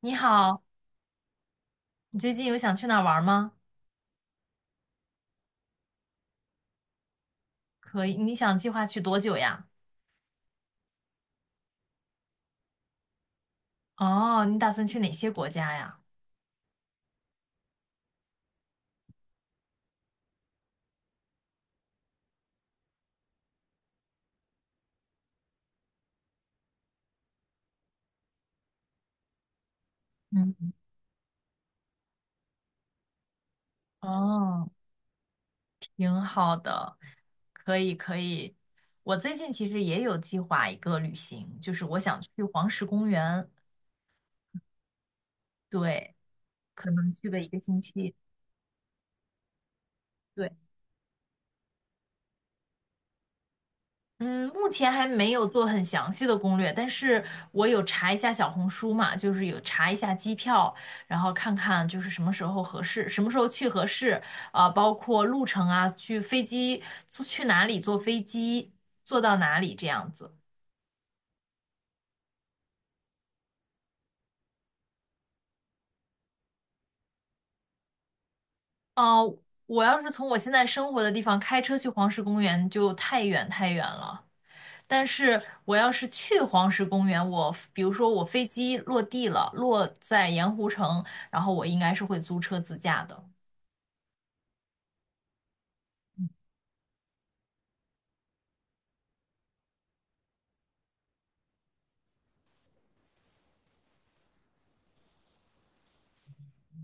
你好，你最近有想去哪儿玩吗？可以，你想计划去多久呀？哦，你打算去哪些国家呀？嗯，哦，挺好的，可以可以。我最近其实也有计划一个旅行，就是我想去黄石公园，对，可能去个1个星期。对。嗯，目前还没有做很详细的攻略，但是我有查一下小红书嘛，就是有查一下机票，然后看看就是什么时候合适，什么时候去合适，包括路程啊，去飞机，坐去哪里坐飞机，坐到哪里这样子。哦、我要是从我现在生活的地方开车去黄石公园，就太远太远了。但是我要是去黄石公园，我比如说我飞机落地了，落在盐湖城，然后我应该是会租车自驾的。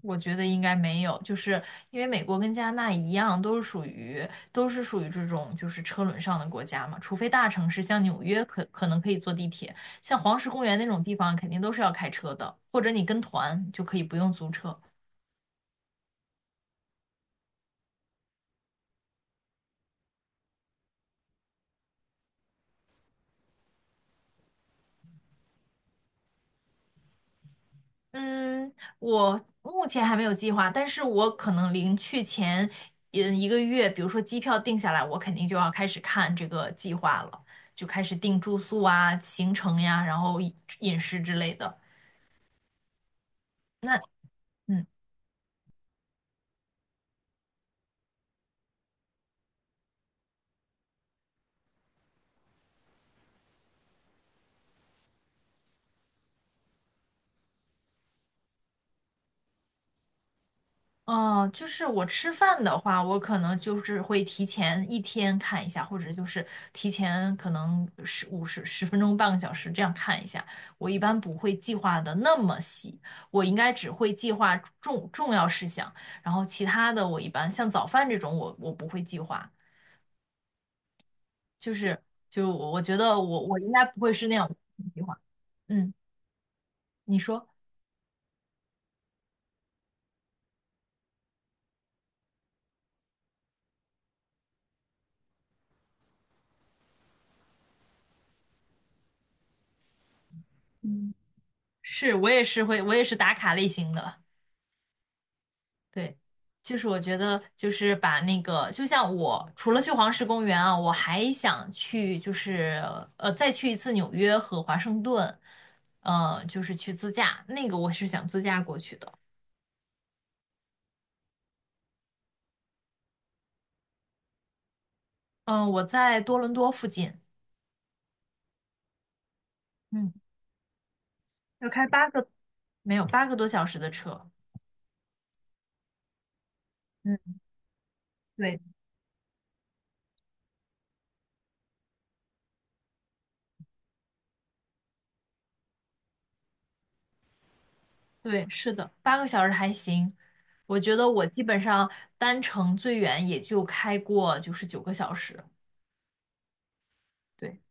我觉得应该没有，就是因为美国跟加拿大一样，都是属于这种就是车轮上的国家嘛，除非大城市像纽约可能可以坐地铁，像黄石公园那种地方肯定都是要开车的，或者你跟团就可以不用租车。嗯，我目前还没有计划，但是我可能临去前，1个月，比如说机票定下来，我肯定就要开始看这个计划了，就开始定住宿啊、行程呀，然后饮食之类的。那嗯，哦，就是我吃饭的话，我可能就是会提前1天看一下，或者就是提前可能十五十十分钟、半个小时这样看一下。我一般不会计划的那么细，我应该只会计划重要事项，然后其他的我一般像早饭这种我不会计划，就是就我觉得我应该不会是那样计划。嗯，你说嗯，是，我也是会，我也是打卡类型的。对，就是我觉得，就是把那个，就像我除了去黄石公园啊，我还想去，就是再去一次纽约和华盛顿，就是去自驾，那个我是想自驾过去的。嗯、我在多伦多附近，嗯，要开八个，没有8个多小时的车。嗯，对，对，是的，8个小时还行。我觉得我基本上单程最远也就开过就是9个小时。对。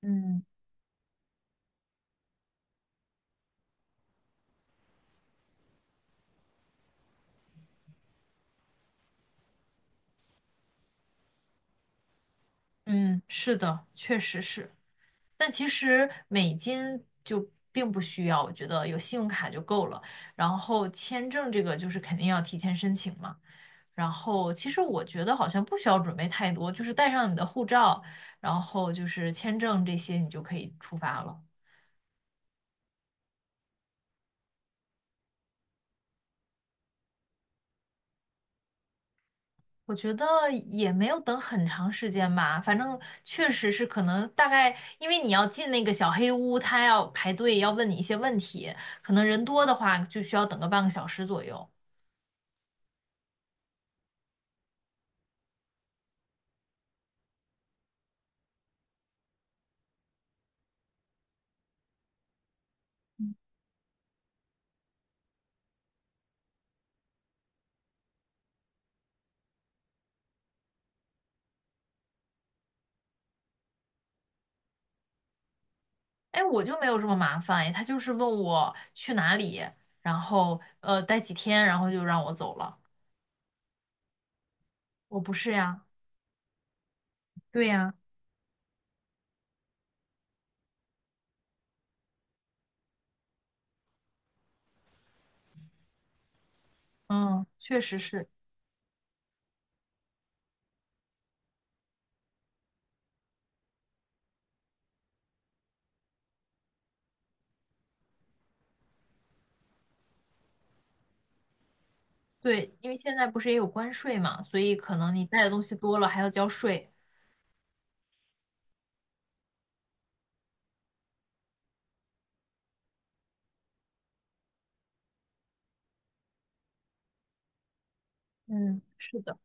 嗯。嗯，是的，确实是。但其实美金就并不需要，我觉得有信用卡就够了。然后签证这个就是肯定要提前申请嘛。然后其实我觉得好像不需要准备太多，就是带上你的护照，然后就是签证这些，你就可以出发了。我觉得也没有等很长时间吧，反正确实是可能大概，因为你要进那个小黑屋，他要排队，要问你一些问题，可能人多的话就需要等个半个小时左右。哎，我就没有这么麻烦，哎，他就是问我去哪里，然后待几天，然后就让我走了。我不是呀，对呀，嗯，确实是，对，因为现在不是也有关税嘛，所以可能你带的东西多了还要交税。嗯，是的。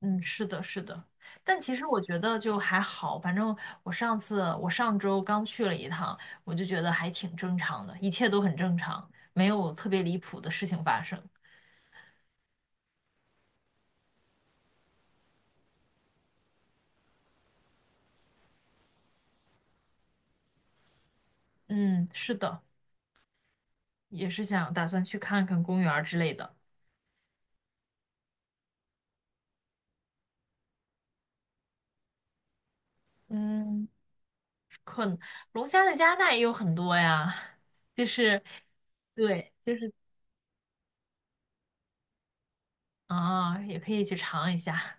嗯，是的，是的，但其实我觉得就还好，反正我上周刚去了一趟，我就觉得还挺正常的，一切都很正常，没有特别离谱的事情发生。嗯，是的，也是想打算去看看公园儿之类的。嗯，龙虾的加拿大也有很多呀，就是对，就是啊，也可以去尝一下。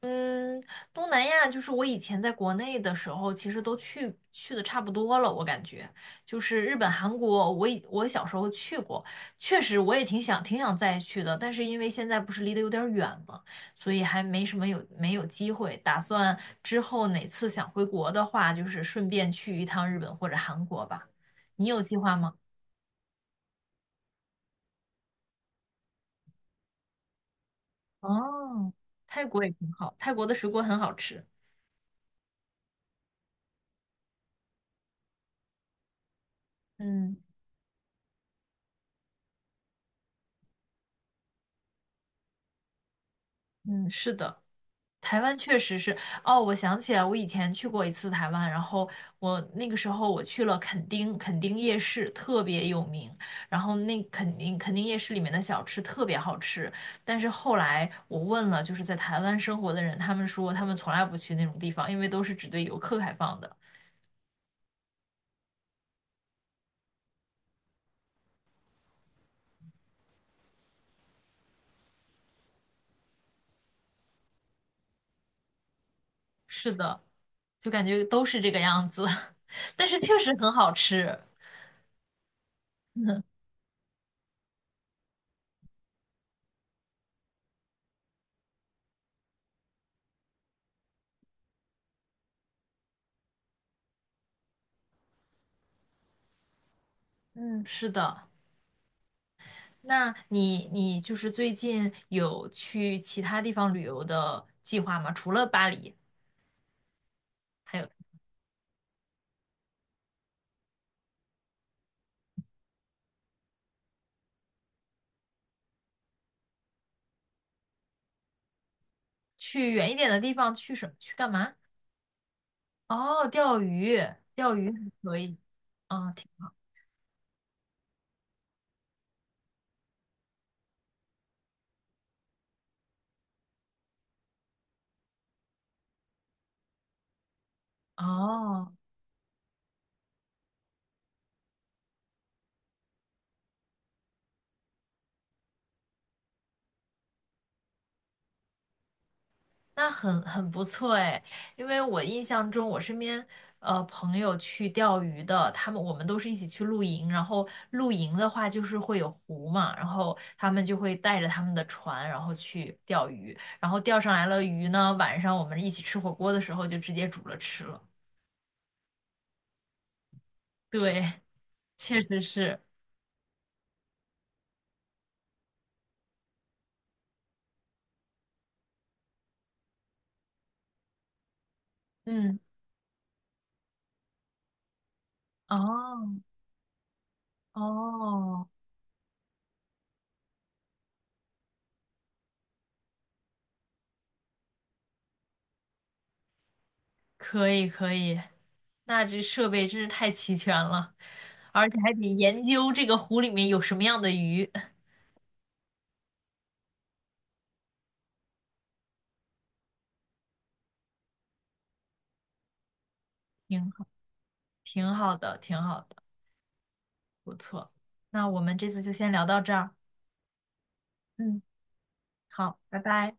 嗯，东南亚就是我以前在国内的时候，其实都去的差不多了，我感觉就是日本、韩国，我小时候去过，确实我也挺想挺想再去的，但是因为现在不是离得有点远嘛，所以还没什么有没有机会。打算之后哪次想回国的话，就是顺便去一趟日本或者韩国吧。你有计划吗？哦，泰国也挺好，泰国的水果很好吃。嗯嗯，是的。台湾确实是，哦，我想起来，我以前去过一次台湾，然后我那个时候我去了垦丁，垦丁夜市特别有名，然后那垦丁夜市里面的小吃特别好吃，但是后来我问了就是在台湾生活的人，他们说他们从来不去那种地方，因为都是只对游客开放的。是的，就感觉都是这个样子，但是确实很好吃。嗯，是的。那你就是最近有去其他地方旅游的计划吗？除了巴黎，还有去远一点的地方去什么？去干嘛？哦，钓鱼，钓鱼还可以。哦，哦，那很不错哎，因为我印象中，我身边朋友去钓鱼的，我们都是一起去露营，然后露营的话就是会有湖嘛，然后他们就会带着他们的船，然后去钓鱼，然后钓上来了鱼呢，晚上我们一起吃火锅的时候就直接煮了吃了。对，确实是，嗯，哦哦，可以可以，那这设备真是太齐全了。而且还得研究这个湖里面有什么样的鱼，挺好，挺好的，挺好的，不错。那我们这次就先聊到这儿。嗯，好，拜拜。